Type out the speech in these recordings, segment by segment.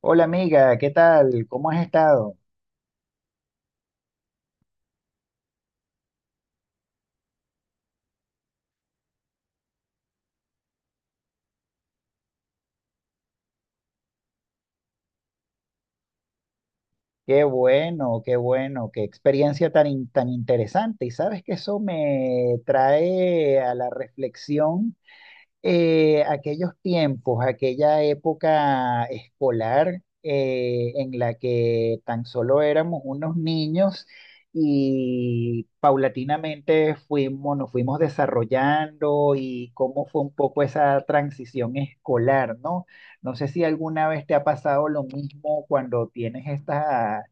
Hola amiga, ¿qué tal? ¿Cómo has estado? Qué bueno, qué bueno, qué experiencia tan interesante. Y sabes que eso me trae a la reflexión aquellos tiempos, aquella época escolar, en la que tan solo éramos unos niños y nos fuimos desarrollando, y cómo fue un poco esa transición escolar, ¿no? No sé si alguna vez te ha pasado lo mismo cuando tienes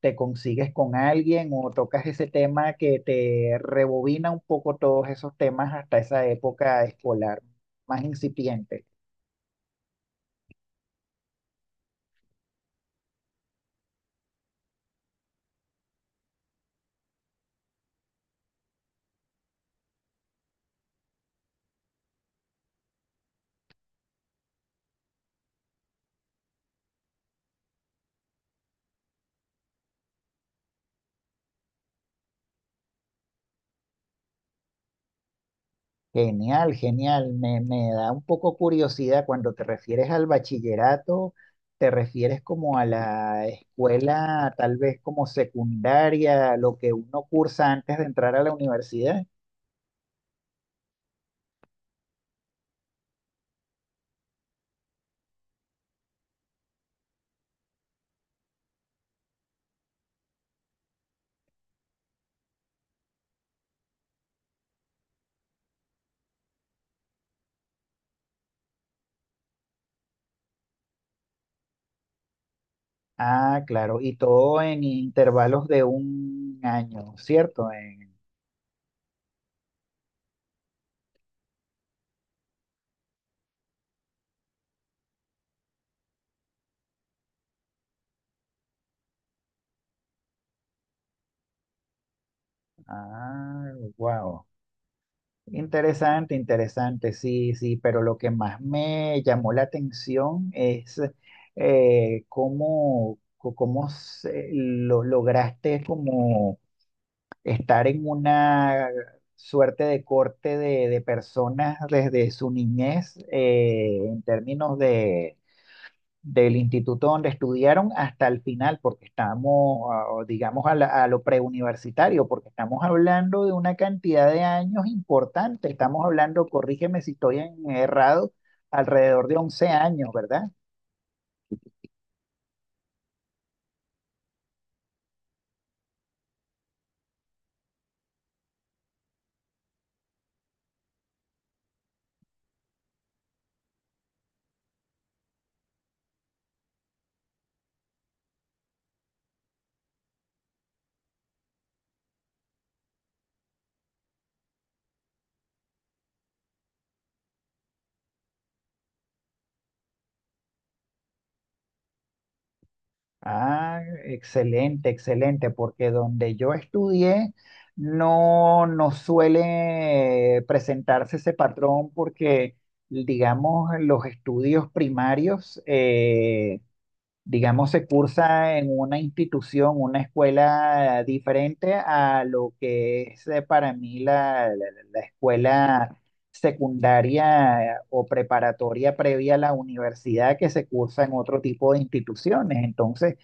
te consigues con alguien o tocas ese tema que te rebobina un poco todos esos temas hasta esa época escolar más incipiente. Genial, genial. Me da un poco curiosidad cuando te refieres al bachillerato, te refieres como a la escuela, tal vez como secundaria, lo que uno cursa antes de entrar a la universidad. Ah, claro, y todo en intervalos de un año, ¿cierto? Ah, wow. Interesante, interesante, sí, sí, pero lo que más me llamó la atención es, cómo, co- cómo se- lo, lograste como estar en una suerte de corte de personas desde su niñez, en términos del instituto donde estudiaron hasta el final, porque estamos, ah, digamos, a lo preuniversitario, porque estamos hablando de una cantidad de años importante. Estamos hablando, corrígeme si estoy errado, alrededor de 11 años, ¿verdad? Ah, excelente, excelente, porque donde yo estudié no, no suele presentarse ese patrón porque, digamos, los estudios digamos, se cursa en una institución, una escuela diferente a lo que es, para mí la escuela secundaria, o preparatoria previa a la universidad, que se cursa en otro tipo de instituciones. Entonces,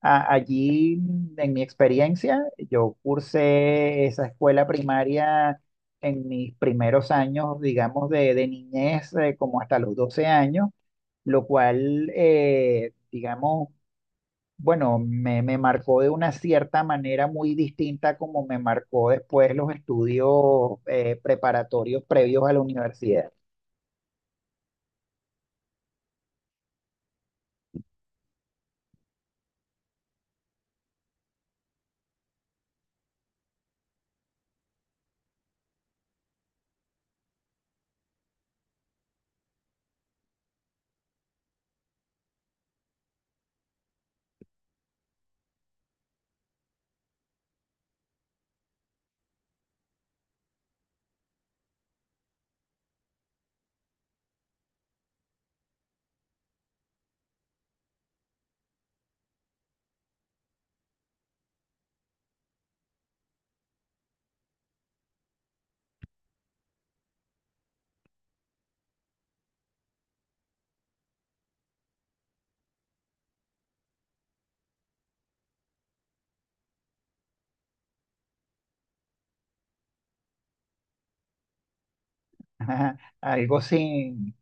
allí, en mi experiencia, yo cursé esa escuela primaria. En mis primeros años, digamos, de niñez, como hasta los 12 años, lo cual, digamos, bueno, me marcó de una cierta manera muy distinta como me marcó después los estudios, preparatorios previos a la universidad. Algo sin,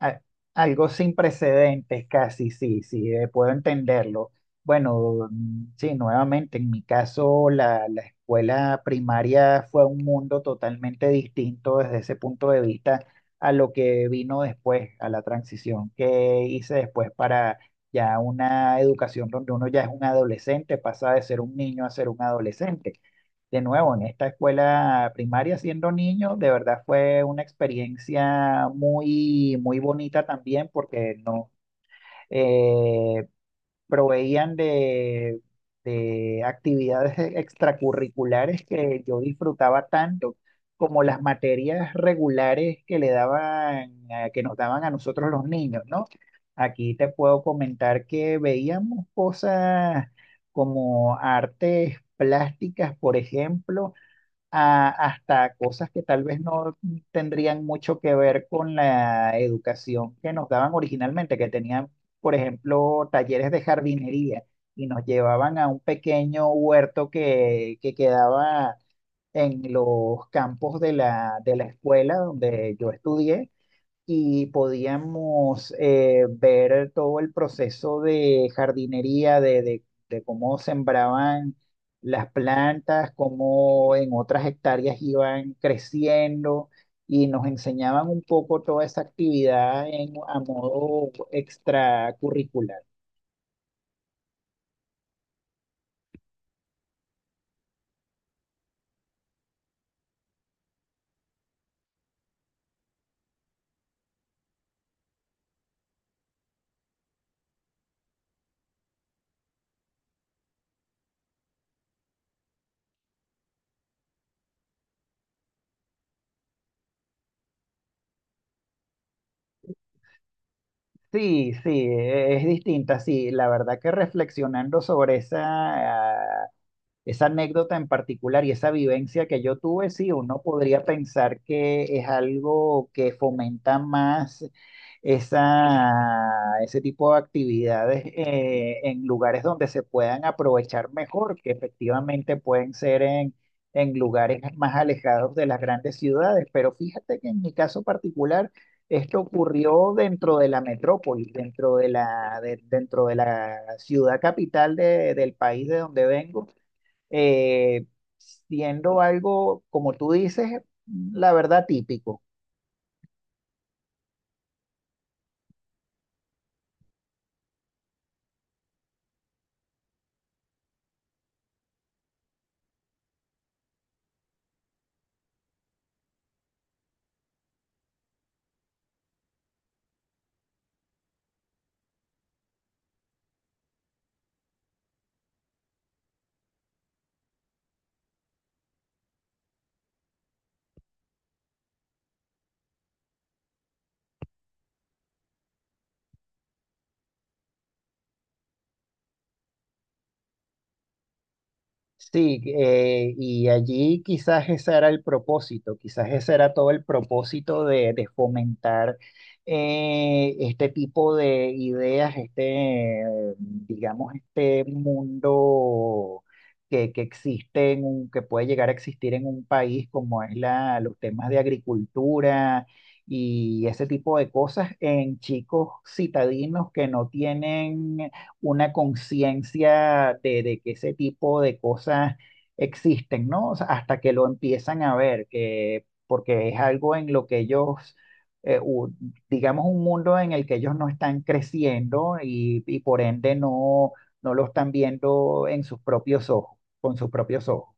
a- algo sin precedentes, casi, sí, sí, puedo entenderlo. Bueno, mm, sí, nuevamente, en mi caso, la escuela primaria fue un mundo totalmente distinto desde ese punto de vista a lo que vino después, a la transición que hice después para ya una educación donde uno ya es un adolescente, pasa de ser un niño a ser un adolescente. De nuevo, en esta escuela primaria siendo niño, de verdad fue una experiencia muy, muy bonita también, porque no, eh, proveían de actividades extracurriculares que yo disfrutaba tanto como las materias regulares que le daban, que nos daban a nosotros los niños, ¿no? Aquí te puedo comentar que veíamos cosas como artes plásticas, por ejemplo, hasta cosas que tal vez no tendrían mucho que ver con la educación que nos daban originalmente, que tenían, por ejemplo, talleres de jardinería, y nos llevaban a un pequeño huerto que quedaba en los campos de de la escuela donde yo estudié, y podíamos, ver todo el proceso de jardinería, de cómo sembraban las plantas, cómo en otras hectáreas iban creciendo, y nos enseñaban un poco toda esa actividad, en, a modo extracurricular. Sí, sí, es distinta, sí, la verdad que reflexionando sobre esa anécdota en particular y esa vivencia que yo tuve, sí, uno podría pensar que es algo que fomenta más esa, ese tipo de actividades, en lugares donde se puedan aprovechar mejor, que efectivamente pueden ser en lugares más alejados de las grandes ciudades. Pero fíjate que en mi caso particular, esto ocurrió dentro de la metrópoli, dentro de dentro de la ciudad capital del país de donde vengo, eh, siendo algo, como tú dices, la verdad típico. Sí, y allí quizás ese era el propósito, quizás ese era todo el propósito de fomentar, este tipo de ideas, este, digamos, este mundo que existe, en que puede llegar a existir en un país, como es la, los temas de agricultura y ese tipo de cosas en chicos citadinos que no tienen una conciencia de que ese tipo de cosas existen, ¿no? O sea, hasta que lo empiezan a ver, que, porque es algo en lo que ellos, eh, u- digamos, un mundo en el que ellos no están creciendo y por ende no, no lo están viendo en sus propios ojos, con sus propios ojos.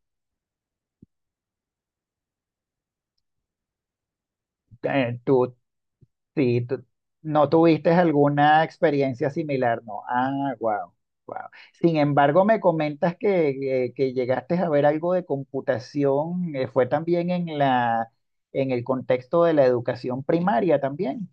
Eh, ¿tú, Sí, no tuviste alguna experiencia similar, ¿no? Ah, wow, wow. Sin embargo, me comentas que llegaste a ver algo de computación, fue también en la, en el contexto de la educación primaria también.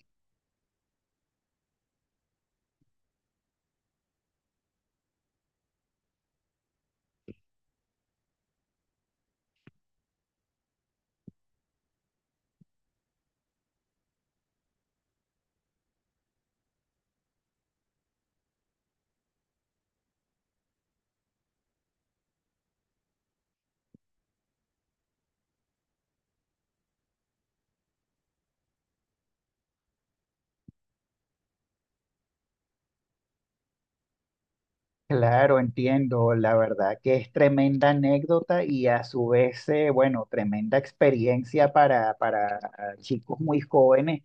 Claro, entiendo, la verdad que es tremenda anécdota y a su vez, bueno, tremenda experiencia para chicos muy jóvenes,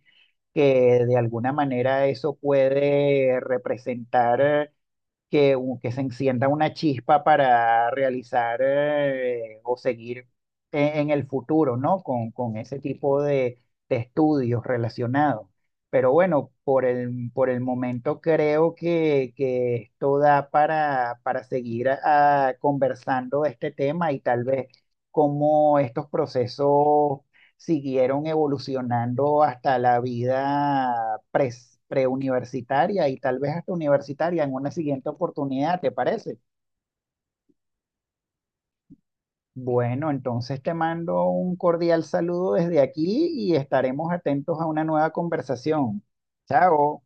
que de alguna manera eso puede representar. Que, que se encienda una chispa para realizar, o seguir en el futuro, ¿no? Con ese tipo de estudios relacionados. Pero bueno, por el momento creo que esto da para seguir, ah, conversando de este tema, y tal vez cómo estos procesos siguieron evolucionando hasta la vida preuniversitaria y tal vez hasta universitaria en una siguiente oportunidad, ¿te parece? Bueno, entonces te mando un cordial saludo desde aquí y estaremos atentos a una nueva conversación. Chao.